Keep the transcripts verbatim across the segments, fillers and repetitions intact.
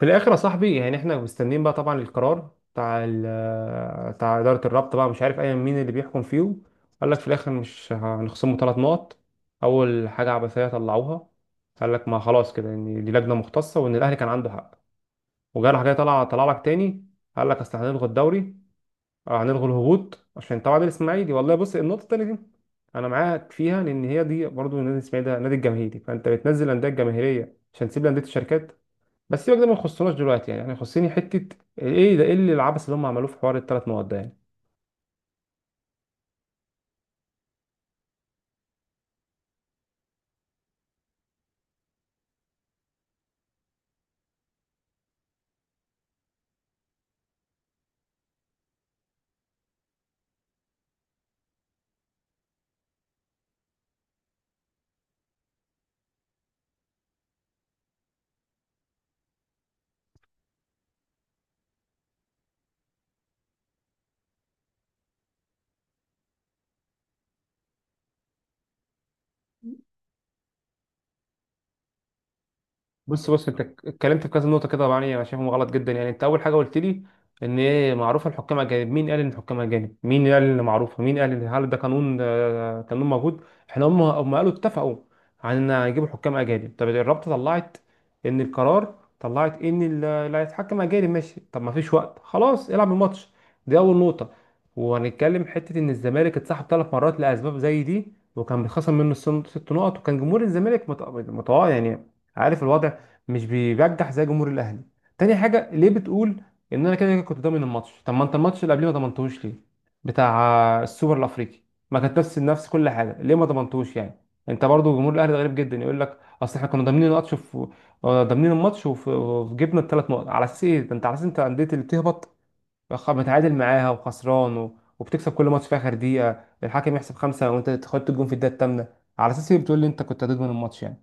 في الاخر يا صاحبي، يعني احنا مستنيين بقى طبعا القرار بتاع ال- آه، بتاع اداره الرابطه بقى، مش عارف ايا مين اللي بيحكم فيهم. قال لك في الاخر مش هنخصمه ثلاث نقط. اول حاجه عبثيه طلعوها. قال لك ما خلاص كده، ان دي لجنه مختصه وان الاهلي كان عنده حق. وجرح جاي طلع طلع لك تاني. قال لك اصل هنلغي الدوري، آه، هنلغي الهبوط عشان طبعا نادي الاسماعيلي. والله بص، النقطه التانيه دي انا معاك فيها، لان هي دي برضو النادي الاسماعيلي، ده نادي الجماهيري، فانت بتنزل الانديه الجماهيريه عشان تسيب انديه الشركات. بس سيبك ده، ما يخصناش دلوقتي يعني، يعني يخصني حته. ايه ده، ايه اللي العبث اللي هم عملوه في حوار الثلاث مواد ده يعني؟ بص بص، انت اتكلمت في كذا نقطه كده، طبعا يعني انا شايفهم غلط جدا. يعني انت اول حاجه قلت لي ان ايه، معروفه الحكام اجانب. مين قال ان الحكام اجانب؟ مين قال ان معروفه؟ مين قال ان هل ده قانون؟ آه، قانون موجود؟ احنا هم هم قالوا اتفقوا عن ان هيجيبوا حكام اجانب. طب الرابطه طلعت ان القرار، طلعت ان ال- اللي هيتحكم اجانب، ماشي. طب ما فيش وقت، خلاص العب الماتش. دي اول نقطه. وهنتكلم حته ان الزمالك اتسحب ثلاث مرات لاسباب زي دي، وكان بيتخصم منه السن- ست نقط، وكان جمهور الزمالك مت... مت... يعني عارف الوضع، مش بيرجح زي جمهور الاهلي. تاني حاجه، ليه بتقول ان انا كده كده كنت ضامن الماتش؟ طب ما انت الماتش اللي قبليه ما ضمنتهوش ليه؟ بتاع السوبر الافريقي، ما كانت نفس نفس كل حاجه، ليه ما ضمنتهوش يعني؟ انت برضو جمهور الاهلي ده غريب جدا، يقول لك اصل احنا كنا ضامنين الماتش في، ضامنين الماتش وف- وجبنا الثلاث نقط. على اساس ايه ده؟ انت على اساس انت، انديه اللي بتهبط، خ- متعادل معاها وخسران و... وبتكسب كل ماتش في اخر دقيقه الحكم يحسب خمسه وانت تحط الجون في الدقيقه الثامنه. على اساس ايه بتقول لي انت كنت هتضمن الماتش يعني؟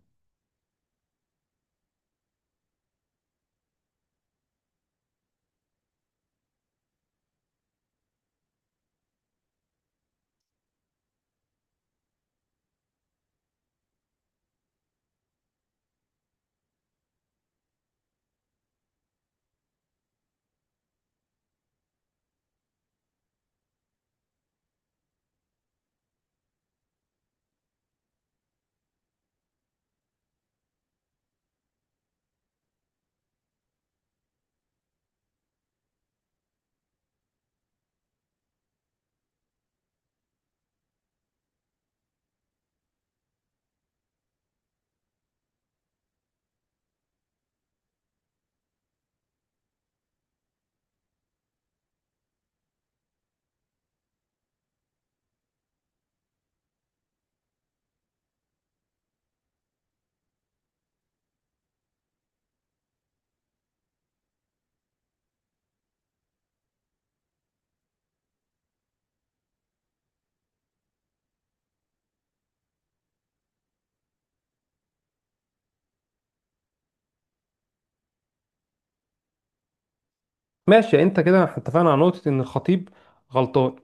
ماشي يعني، انت كده احنا اتفقنا على نقطة ان الخطيب غلطان.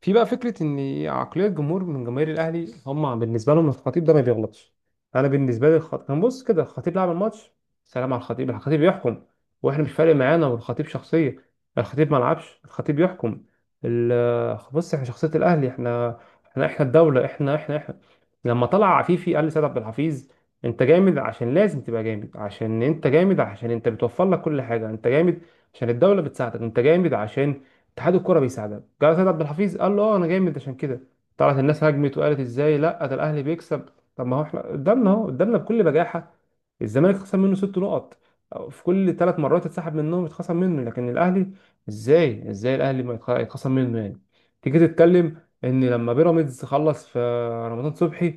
في بقى فكرة ان عقلية الجمهور من جماهير الاهلي، هم بالنسبة لهم الخطيب ده ما بيغلطش. انا بالنسبة لي الخطيب كان، بص كده، الخطيب لعب الماتش، سلام على الخطيب. الخطيب يحكم واحنا مش فارق معانا. والخطيب شخصية، الخطيب ما لعبش، الخطيب يحكم. ال- بص، احنا شخصية الاهلي، احنا احنا احنا الدولة، احنا احنا احنا. لما طلع عفيفي قال لسيد عبد الحفيظ انت جامد عشان لازم تبقى جامد، عشان انت جامد، عشان انت بتوفر لك كل حاجة. انت جامد عشان الدوله بتساعدك، انت جامد عشان اتحاد الكوره بيساعدك. جاله سيد عبد الحفيظ قال له اه انا جامد عشان كده. طلعت الناس هجمت وقالت ازاي؟ لا ده الاهلي بيكسب. طب ما هو احنا قدامنا اهو، قدامنا بكل بجاحه الزمالك خسر منه ست نقط، أو في كل ثلاث مرات اتسحب منهم، اتخصم منه. لكن الاهلي ازاي، ازاي الاهلي ما يتخ- يتخصم منه يعني؟ تيجي تتكلم ان لما بيراميدز خلص في رمضان صبحي،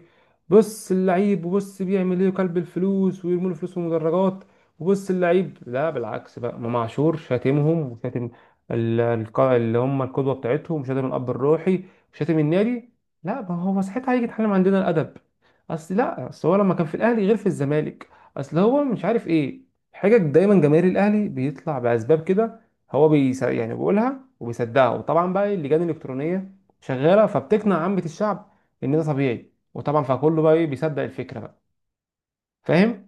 بص اللعيب وبص بيعمل ايه، وكلب الفلوس ويرموا له فلوس في المدرجات، وبص اللعيب. لا بالعكس بقى، امام عاشور شاتمهم، وشاتم ال- الق- اللي هم القدوه بتاعتهم، وشاتم الاب الروحي، وشاتم النادي. لا ما هو ساعتها هيجي يتعلم عندنا الادب. اصل لا، اصل هو لما كان في الاهلي غير في الزمالك. اصل هو مش عارف ايه. حاجه دايما جماهير الاهلي بيطلع باسباب كده. هو بيس يعني بيقولها وبيصدقها، وطبعا بقى اللجان الالكترونيه شغاله، فبتقنع عامه الشعب ان ده طبيعي، وطبعا فكله بقى ايه، بيصدق الفكره بقى. فاهم؟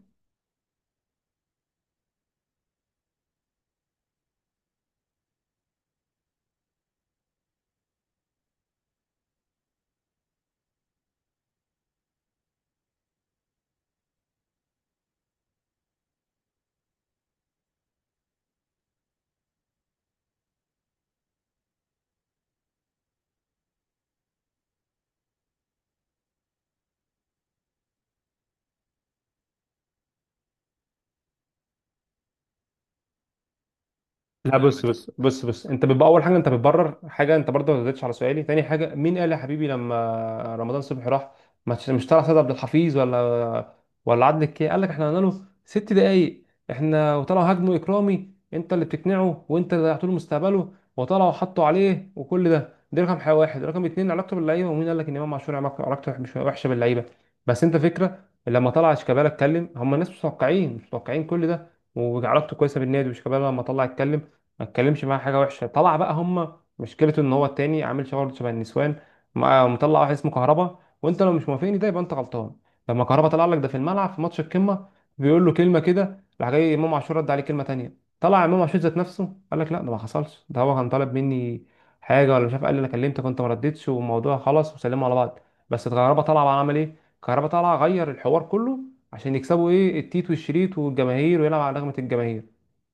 لا فاهم. بص انت، بص بص بص انت بيبقى، اول حاجه انت بتبرر حاجه، انت برضه ما ردتش على سؤالي. تاني حاجه، مين قال يا حبيبي لما رمضان صبحي راح؟ ما تش- مش طلع سيد عبد الحفيظ، ولا ولا عادل الكي قال لك احنا قلنا له ست دقايق؟ احنا وطلعوا هاجموا اكرامي، انت اللي بتقنعه، وانت اللي ضيعت له مستقبله، وطلعوا حطوا عليه وكل ده. دي رقم حاجه واحد. رقم اتنين، علاقته باللعيبه، ومين قال لك ان امام عاشور علاقته علاقته مش وحشه باللعيبه؟ بس انت فكره، لما طلع شيكابالا اتكلم، هم الناس مش متوقعين مش متوقعين كل ده، وعلاقته كويسه بالنادي. وشيكابالا لما طلع اتكلم، ما اتكلمش معاه حاجه وحشه، طلع بقى هم، مشكلته ان هو التاني عامل شغل شبه النسوان. مع- مطلع واحد اسمه كهربا. وانت لو مش موافقني ده يبقى انت غلطان. لما كهربا طلع لك ده في الملعب في ماتش القمه، بيقول له كلمه كده، راح جاي امام عاشور رد عليه كلمه تانيه، طلع امام عاشور ذات نفسه قال لك لا ده ما حصلش، ده هو كان طالب مني حاجه، ولا مش عارف، قال لي انا كلمتك وانت ما ردتش، والموضوع خلص وسلموا على بعض. بس كهربا طلع بقى عمل ايه؟ كهربا طلع غير الحوار كله عشان يكسبوا ايه، التيت والشريط والجماهير، ويلعب على رغبه الجماهير.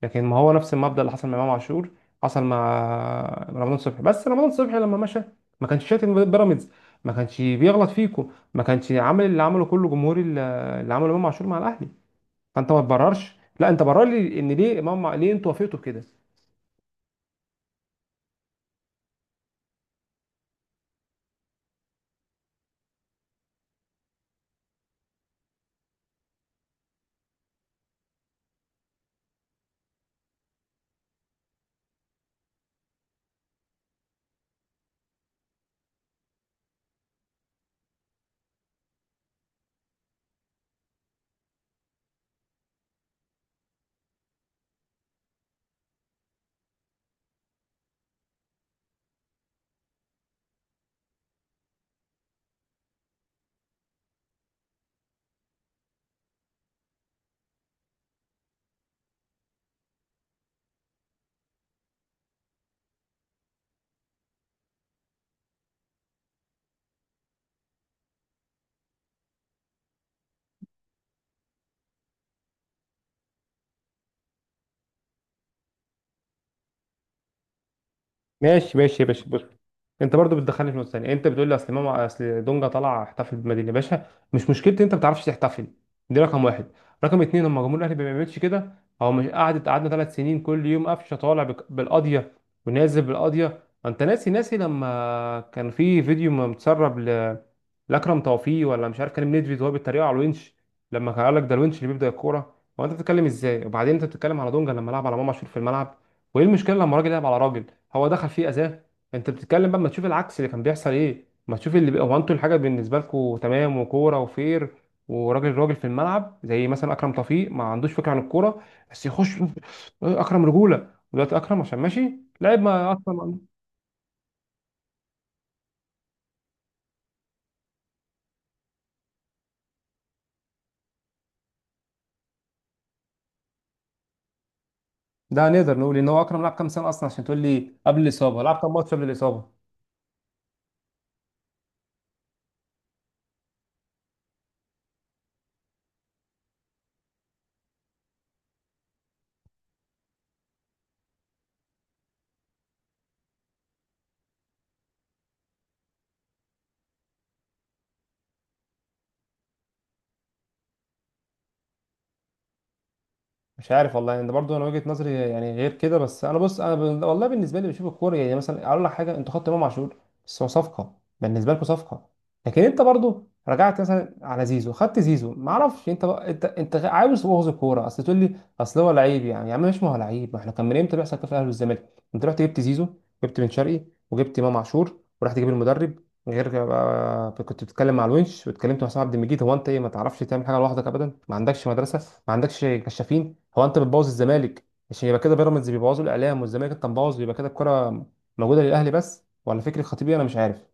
لكن ما هو نفس المبدأ اللي حصل مع امام عاشور حصل مع رمضان صبحي. بس رمضان صبحي لما مشى ما كانش شاتم بيراميدز، ما كانش بيغلط فيكم، ما كانش عامل اللي عمله كله جمهوري، اللي اللي عمله امام عاشور مع الاهلي. فانت ما تبررش. لا انت برر لي ان ليه امام، ليه انتوا وافقتوا كده. ماشي ماشي يا باشا، بص. انت برضو بتدخلني في نقطه ثانيه، انت بتقول لي اصل امام، اصل دونجا طلع احتفل بالمدينه. يا باشا، مش مشكلتي انت ما بتعرفش تحتفل. دي رقم واحد. رقم اتنين، لما جمهور الاهلي ما بيعملش كده. هو مش قعدت، قعدنا ثلاث سنين كل يوم قفشه طالع بك- بالقضيه، ونازل بالقضيه. انت ناسي، ناسي لما كان في فيديو متسرب ل... لاكرم توفيق، ولا مش عارف كان نيدفيد، وهو بيتريقوا على الونش، لما كان قال لك ده الونش اللي بيبدا الكوره. هو انت بتتكلم ازاي؟ وبعدين انت بتتكلم على دونجا لما لعب على امام عاشور في الملعب، وايه المشكله لما راجل يلعب على راجل؟ هو دخل فيه اذاه؟ انت بتتكلم بقى، ما تشوف العكس اللي كان بيحصل ايه، ما تشوف اللي بي- هو، انتوا الحاجه بالنسبه لكم تمام، وكوره وفير، وراجل راجل في الملعب. زي مثلا اكرم توفيق ما عندوش فكره عن الكوره، بس يخش. اكرم رجوله، ودلوقتي اكرم عشان ماشي لعب ما اصلا. ده نقدر نقول ان هو اكرم لعب كام سنه اصلا عشان تقول لي قبل الاصابه؟ لعب كام ماتش قبل الاصابه؟ مش عارف والله يعني، ده برضه انا وجهة نظري يعني، غير كده. بس انا بص، انا ب... والله بالنسبه لي بشوف الكوره يعني. مثلا اقول لك حاجه، انتوا خدتوا امام عاشور، بس هو صفقه، بالنسبه لكم صفقه، لكن انت برضه رجعت مثلا على زيزو، خدت زيزو ما اعرفش. انت بقى انت، انت عاوز تبوظ الكوره؟ اصل تقول لي اصل هو لعيب يعني، يا عم مش، ما هو لعيب، ما احنا كان من امتى بيحصل كده في الاهلي والزمالك؟ انت رحت جبت زيزو، جبت بن شرقي، وجبت امام عاشور، ورحت تجيب المدرب. غير كده بقى، كنت بتتكلم مع الونش، واتكلمت مع حسام عبد المجيد. هو انت ايه، ما تعرفش تعمل حاجه لوحدك ابدا؟ ما عندكش مدرسه، ما عندكش كشافين؟ هو انت بتبوظ الزمالك عشان يبقى كده، بيراميدز بيبوظوا الاعلام، والزمالك انت مبوظ، يبقى كده الكره موجوده للاهلي بس، ولا فكري خطيبي، انا مش عارف.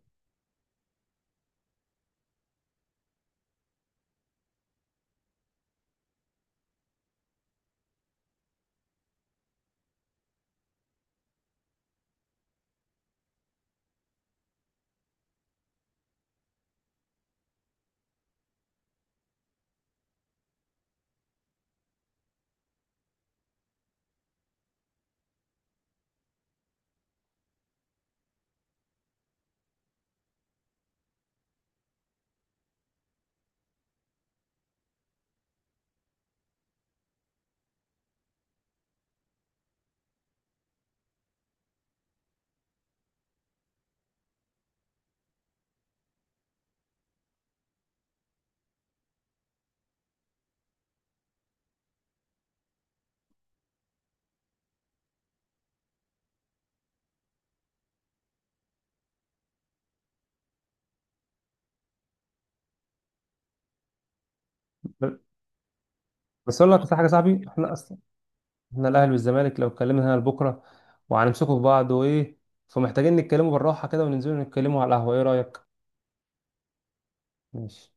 بس اقول لك بس حاجه يا صاحبي، احنا اصلا احنا الاهلي والزمالك لو اتكلمنا هنا لبكره، وهنمسكوا في بعض، وايه، فمحتاجين نتكلموا بالراحه كده، وننزلوا نتكلموا على القهوه. ايه رايك؟ ماشي.